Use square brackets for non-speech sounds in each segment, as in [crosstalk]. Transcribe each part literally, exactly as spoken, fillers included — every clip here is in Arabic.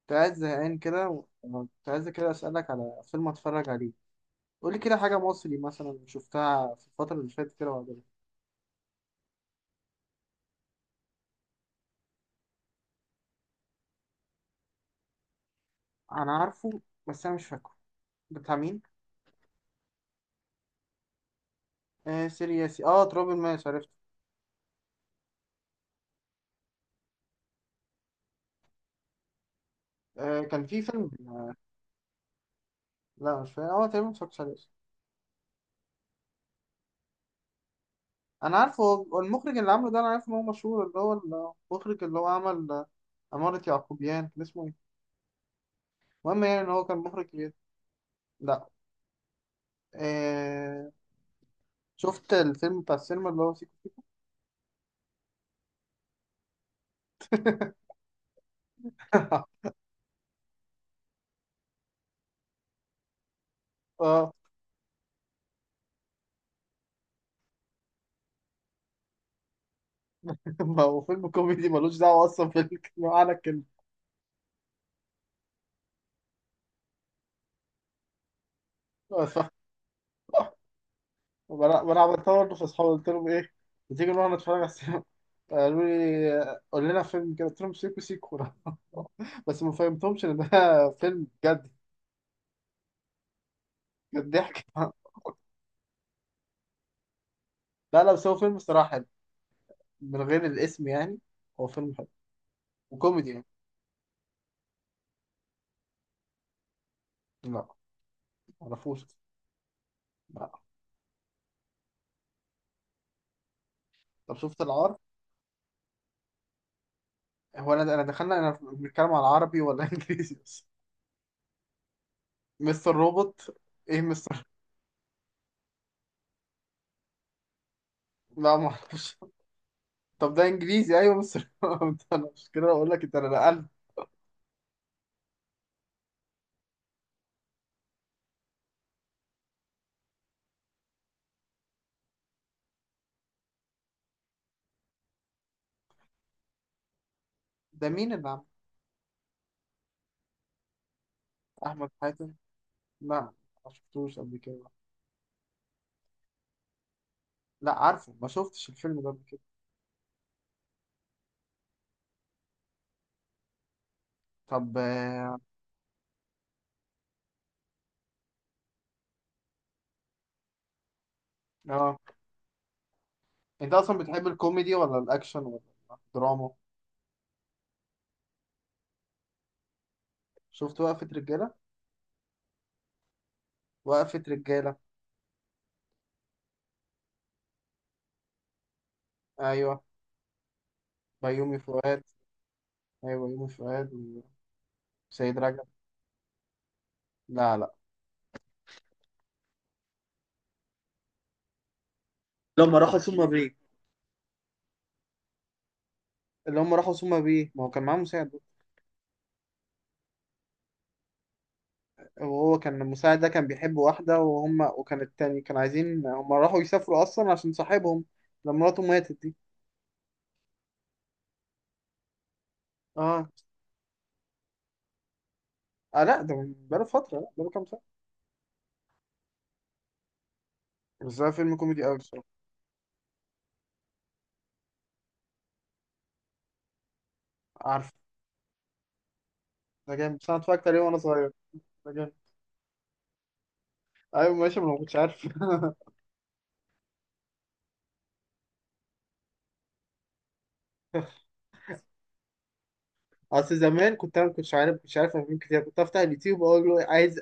كنت قاعد زهقان كده وكنت عايز كده أسألك على فيلم أتفرج عليه. قولي كده حاجة مصري مثلا شفتها في الفترة اللي فاتت كده وعجبتك. أنا عارفه بس أنا مش فاكره. بتاع مين؟ آه سيرياسي، آه تراب الماس عرفته. آه كان في فيلم آه لا مش فاكر، هو تقريبا متفرجتش عليه أصلا. أنا عارفه، هو المخرج اللي عامله ده أنا عارف إن هو مشهور، اللي هو المخرج اللي هو عمل آه، عمارة يعقوبيان، كان اسمه إيه؟ المهم يعني إن هو كان مخرج كبير. لا. آه. شفت الفيلم بتاع السينما اللي هو سيكو؟ [laughs] [laughs] ما هو فيلم كوميدي ملوش دعوة أصلا بالمعنى [laughs] الكلمة. ف- فأنا فأنا عملتها برضه في أصحابي، قلت لهم إيه، ما تيجي نروح نتفرج على السينما، قالوا لي قول لنا فيلم كده، قلت لهم سيكو سيكو [laughs] بس ما فهمتهمش إن ده [laughs] فيلم جد. جد ضحك [laughs] لا لا بس هو فيلم صراحة حلو من غير الاسم يعني. هو فيلم حلو وكوميدي يعني. لا ما اعرفوش. لا. طب شفت العار؟ هو أنا أنا دخلنا، أنا بنتكلم على عربي ولا [laughs] إنجليزي بس؟ مستر روبوت. إيه مستر؟ لا ما اعرفش. طب ده انجليزي ايوه بس [laughs] انا مش كده بقول لك انت، انا نقلت. ده مين اللي عمل؟ احمد حاتم؟ لا ما شفتوش قبل كده. لا عارفه، ما شفتش الفيلم ده قبل كده. طب اه. آه. انت اصلا بتحب الكوميدي ولا الاكشن ولا الدراما؟ شفت وقفة رجالة؟ وقفة رجالة. ايوه بيومي فؤاد. ايوه بيومي فؤاد وسيد رجب. لا لا. لما راحوا ثم بيه. اللي هم راحوا سوما بيه، ما هو كان معاهم مساعد. وهو كان المساعد ده كان بيحب واحدة، وهم وكان التاني، كان عايزين هم راحوا يسافروا أصلا عشان صاحبهم لما مراته ماتت دي. اه. اه لا ده من بقاله فترة، لا بقاله كام سنة. بس ده فيلم كوميدي أوي بصراحة. عارف، ده جامد بس أنا اتفرجت عليه وأنا صغير. ده جامد. أيوة ماشي، ما أنا ما كنتش عارف. [laughs] أصل زمان كنت أنا ما كنتش عارف، كنتش عارف أفلام كتير، كنت أفتح اليوتيوب وأقول له عايز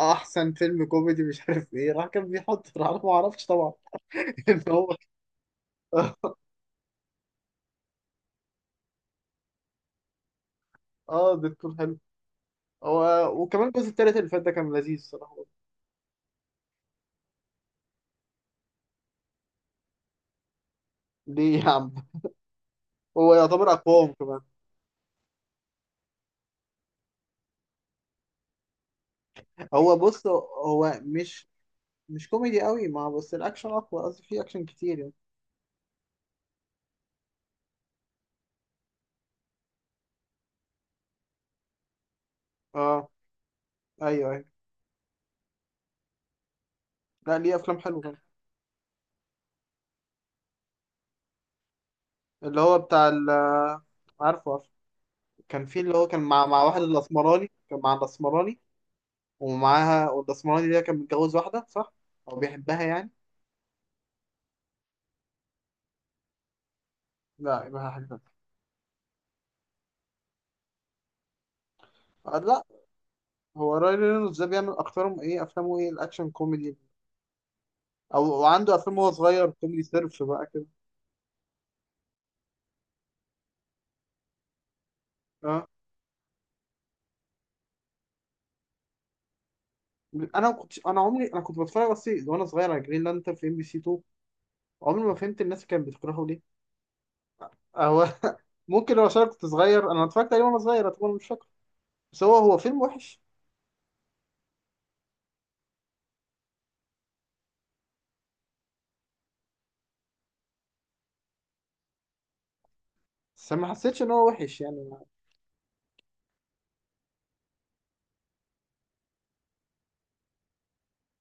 أحسن فيلم كوميدي مش عارف إيه، راح كان بيحط راح أنا ما أعرفش طبعا [laughs] إن هو. اه ده تكون حلو. هو وكمان الجزء التالت اللي فات ده كان لذيذ الصراحة. ليه يا عم؟ هو يعتبر اقوام كمان. هو بص، هو مش مش كوميدي قوي، ما بس الاكشن اقوى قصدي، فيه اكشن كتير يعني. اه ايوه ايوه. لا ليه، افلام حلوه كمان. اللي هو بتاع ال عارفه عارفه. كان في اللي هو كان مع مع واحد الاسمراني، كان مع الاسمراني. ومعاها، والاسمراني ده كان متجوز واحده صح؟ او بيحبها يعني. لا يبقى حاجه تانية. آه، لا. هو راي رينولدز ده بيعمل اكترهم ايه، افلامه ايه؟ الاكشن كوميدي او وعنده افلام وهو صغير كوميدي سيرف بقى كده. اه. انا ما كنتش، انا عمري انا كنت بتفرج بس وانا صغير على جرين لانترن في ام بي سي اتنين. عمري ما فهمت الناس كانت بتكرهه ليه هو [laughs] ممكن لو عشان أنا كنت صغير، انا اتفرجت عليه وانا صغير، اعتبر مش فاكر. بس هو هو فيلم وحش. بس ما حسيتش ان هو وحش يعني.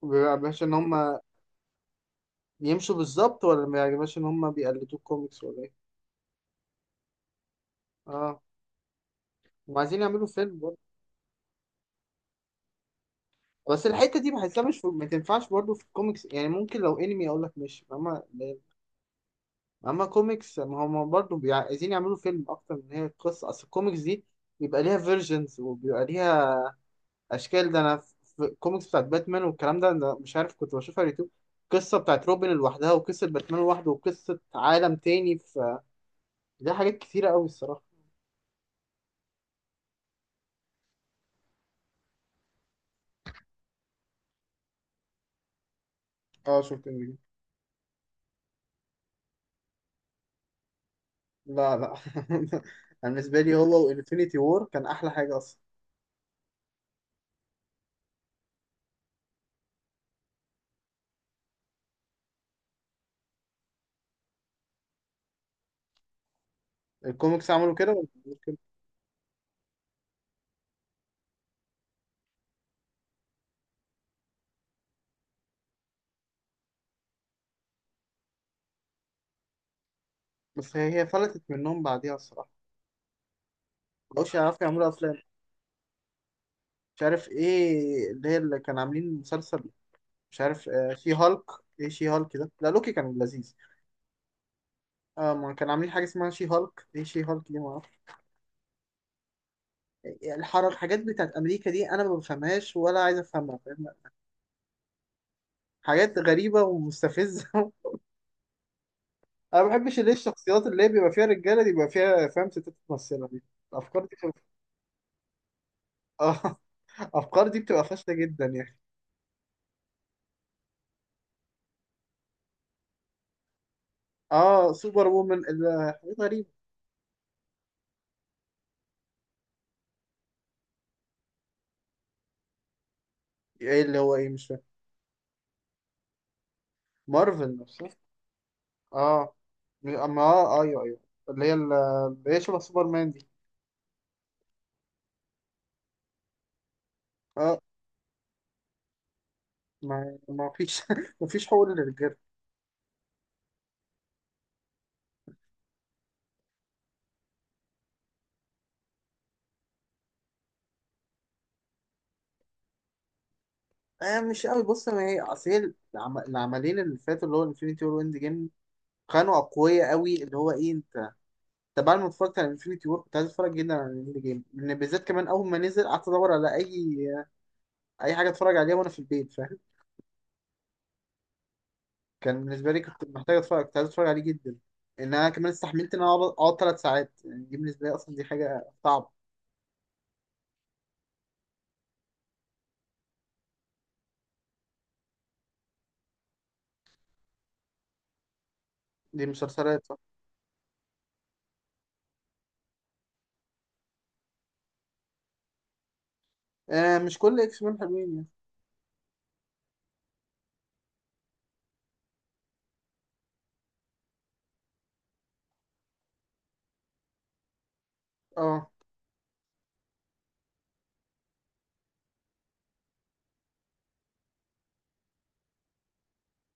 ما بيعجبهاش ان هم يمشوا بالظبط، ولا ما بيعجبهاش ان هم بيقلدوا الكوميكس ولا ايه؟ اه. هم عايزين يعملوا فيلم برضه. بس الحته دي بحسها مش في ما تنفعش برضه في الكوميكس يعني، ممكن لو انمي اقول لك ماشي فاهمة، اما كوميكس ما هم برضه بيع- عايزين يعملوا فيلم اكتر من، هي قصه اصل الكوميكس دي بيبقى ليها فيرجنز وبيبقى ليها اشكال. ده انا في الكوميكس بتاعت باتمان والكلام ده انا مش عارف كنت بشوفها على اليوتيوب، قصه بتاعت روبن لوحدها وقصه باتمان لوحده وقصه عالم تاني، في ليها حاجات كتيره قوي الصراحه. اه شفت إن- لا لا [laughs] انا بالنسبه لي هو وانفينيتي وور كان احلى حاجه اصلا. الكوميكس عملوا كده ولا عملوا كده؟ بس هي هي فلتت منهم بعديها الصراحه. ما بقوش يعرفوا يعملوا افلام، مش عارف ايه اللي هي، اللي كان عاملين مسلسل، مش عارف آه شي هالك. ايه شي هالك ده؟ لا لوكي كان لذيذ. اه ما كان عاملين حاجه اسمها شي هالك، ايه شي هالك دي، ما اعرفش. الحركات الحاجات بتاعت امريكا دي انا ما بفهمهاش ولا عايز افهمها فاهم. حاجات غريبه ومستفزه [laughs] انا ما بحبش اللي هي الشخصيات اللي هي بيبقى فيها رجاله دي بيبقى فيها فاهم ستات ممثله دي، الافكار دي بتبقى اه [laughs] الافكار دي بتبقى فاشله جدا يعني. اه سوبر وومن ال- حاجات غريبه. ايه اللي هو ايه؟ مش فاهم. مارفل نفسها؟ اه اما اه ايوه ايوه اللي هي ال- اللي هي شبه سوبرمان دي. اه ما ما فيش [laughs] ما فيش حقوق للرجاله. آه مش قوي، بص ما هي اصل هي العم- العملين اللي فاتوا اللي هو انفينيتي وور واند جيم كانوا اقوياء قوي، اللي هو ايه انت، انت بعد ما اتفرجت على انفينيتي وور كنت عايز اتفرج جدا على اند جيم لان بالذات كمان اول ما نزل قعدت ادور على اي اي حاجه اتفرج عليها وانا في البيت فاهم. كان بالنسبه لي كنت محتاج اتفرج، كنت عايز اتفرج عليه جدا، ان انا كمان استحملت ان انا اقعد ثلاث ساعات، يعني دي بالنسبه لي اصلا دي حاجه صعبه. دي مسلسلات. آه مش كل اكس مان حلوين يعني. اه.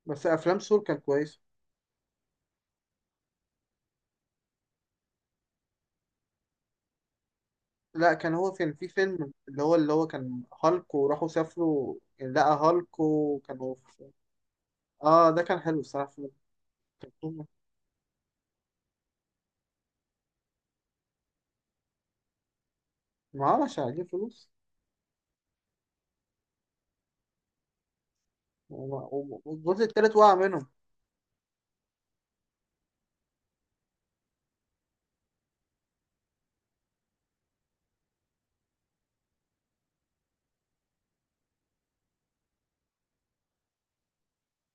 بس افلام سور كان كويس. لا كان هو كان في فيلم اللي هو، اللي هو كان هالك وراحوا سافروا يعني لقى هالك وكانوا في اه ده كان حلو الصراحه فيلم. الكرتون. ما عملش عليه فلوس. وما- وما- والجزء التالت وقع منهم.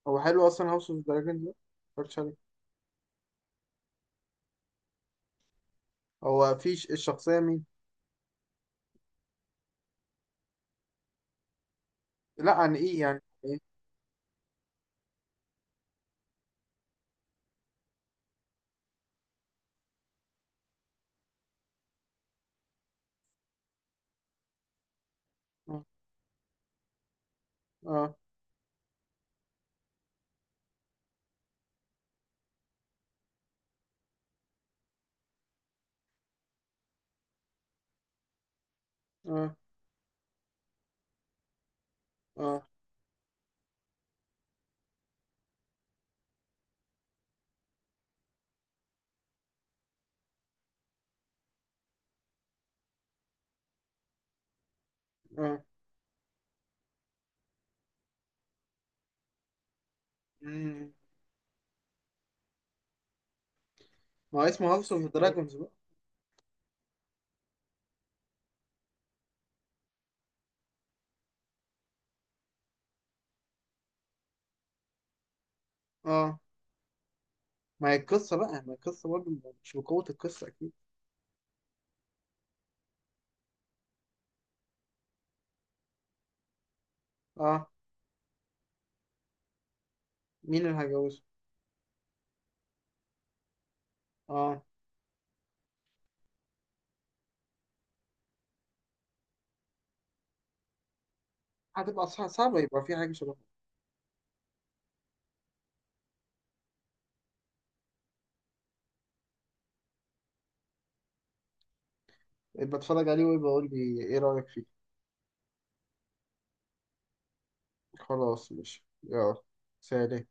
هو حلو اصلا هاوس اوف دراجون ده؟ متفرجتش عليه. هو في ش- الشخصيه مين؟ لا عن ايه، يعني ايه؟ اه اه اه اه. آه. مم. ما هو اسمه هاوس اوف دراجونز بقى. اه ما هي القصة بقى، ما هي القصة برضه، مش بقوة القصة أكيد. أه. مين اللي هيجوزه؟ أه. هتبقى صع- صعبة، يبقى في حاجة شبه. يبقى أتفرج عليه ويبقى أقول لي إيه رأيك فيه. خلاص ماشي يلا. سلام.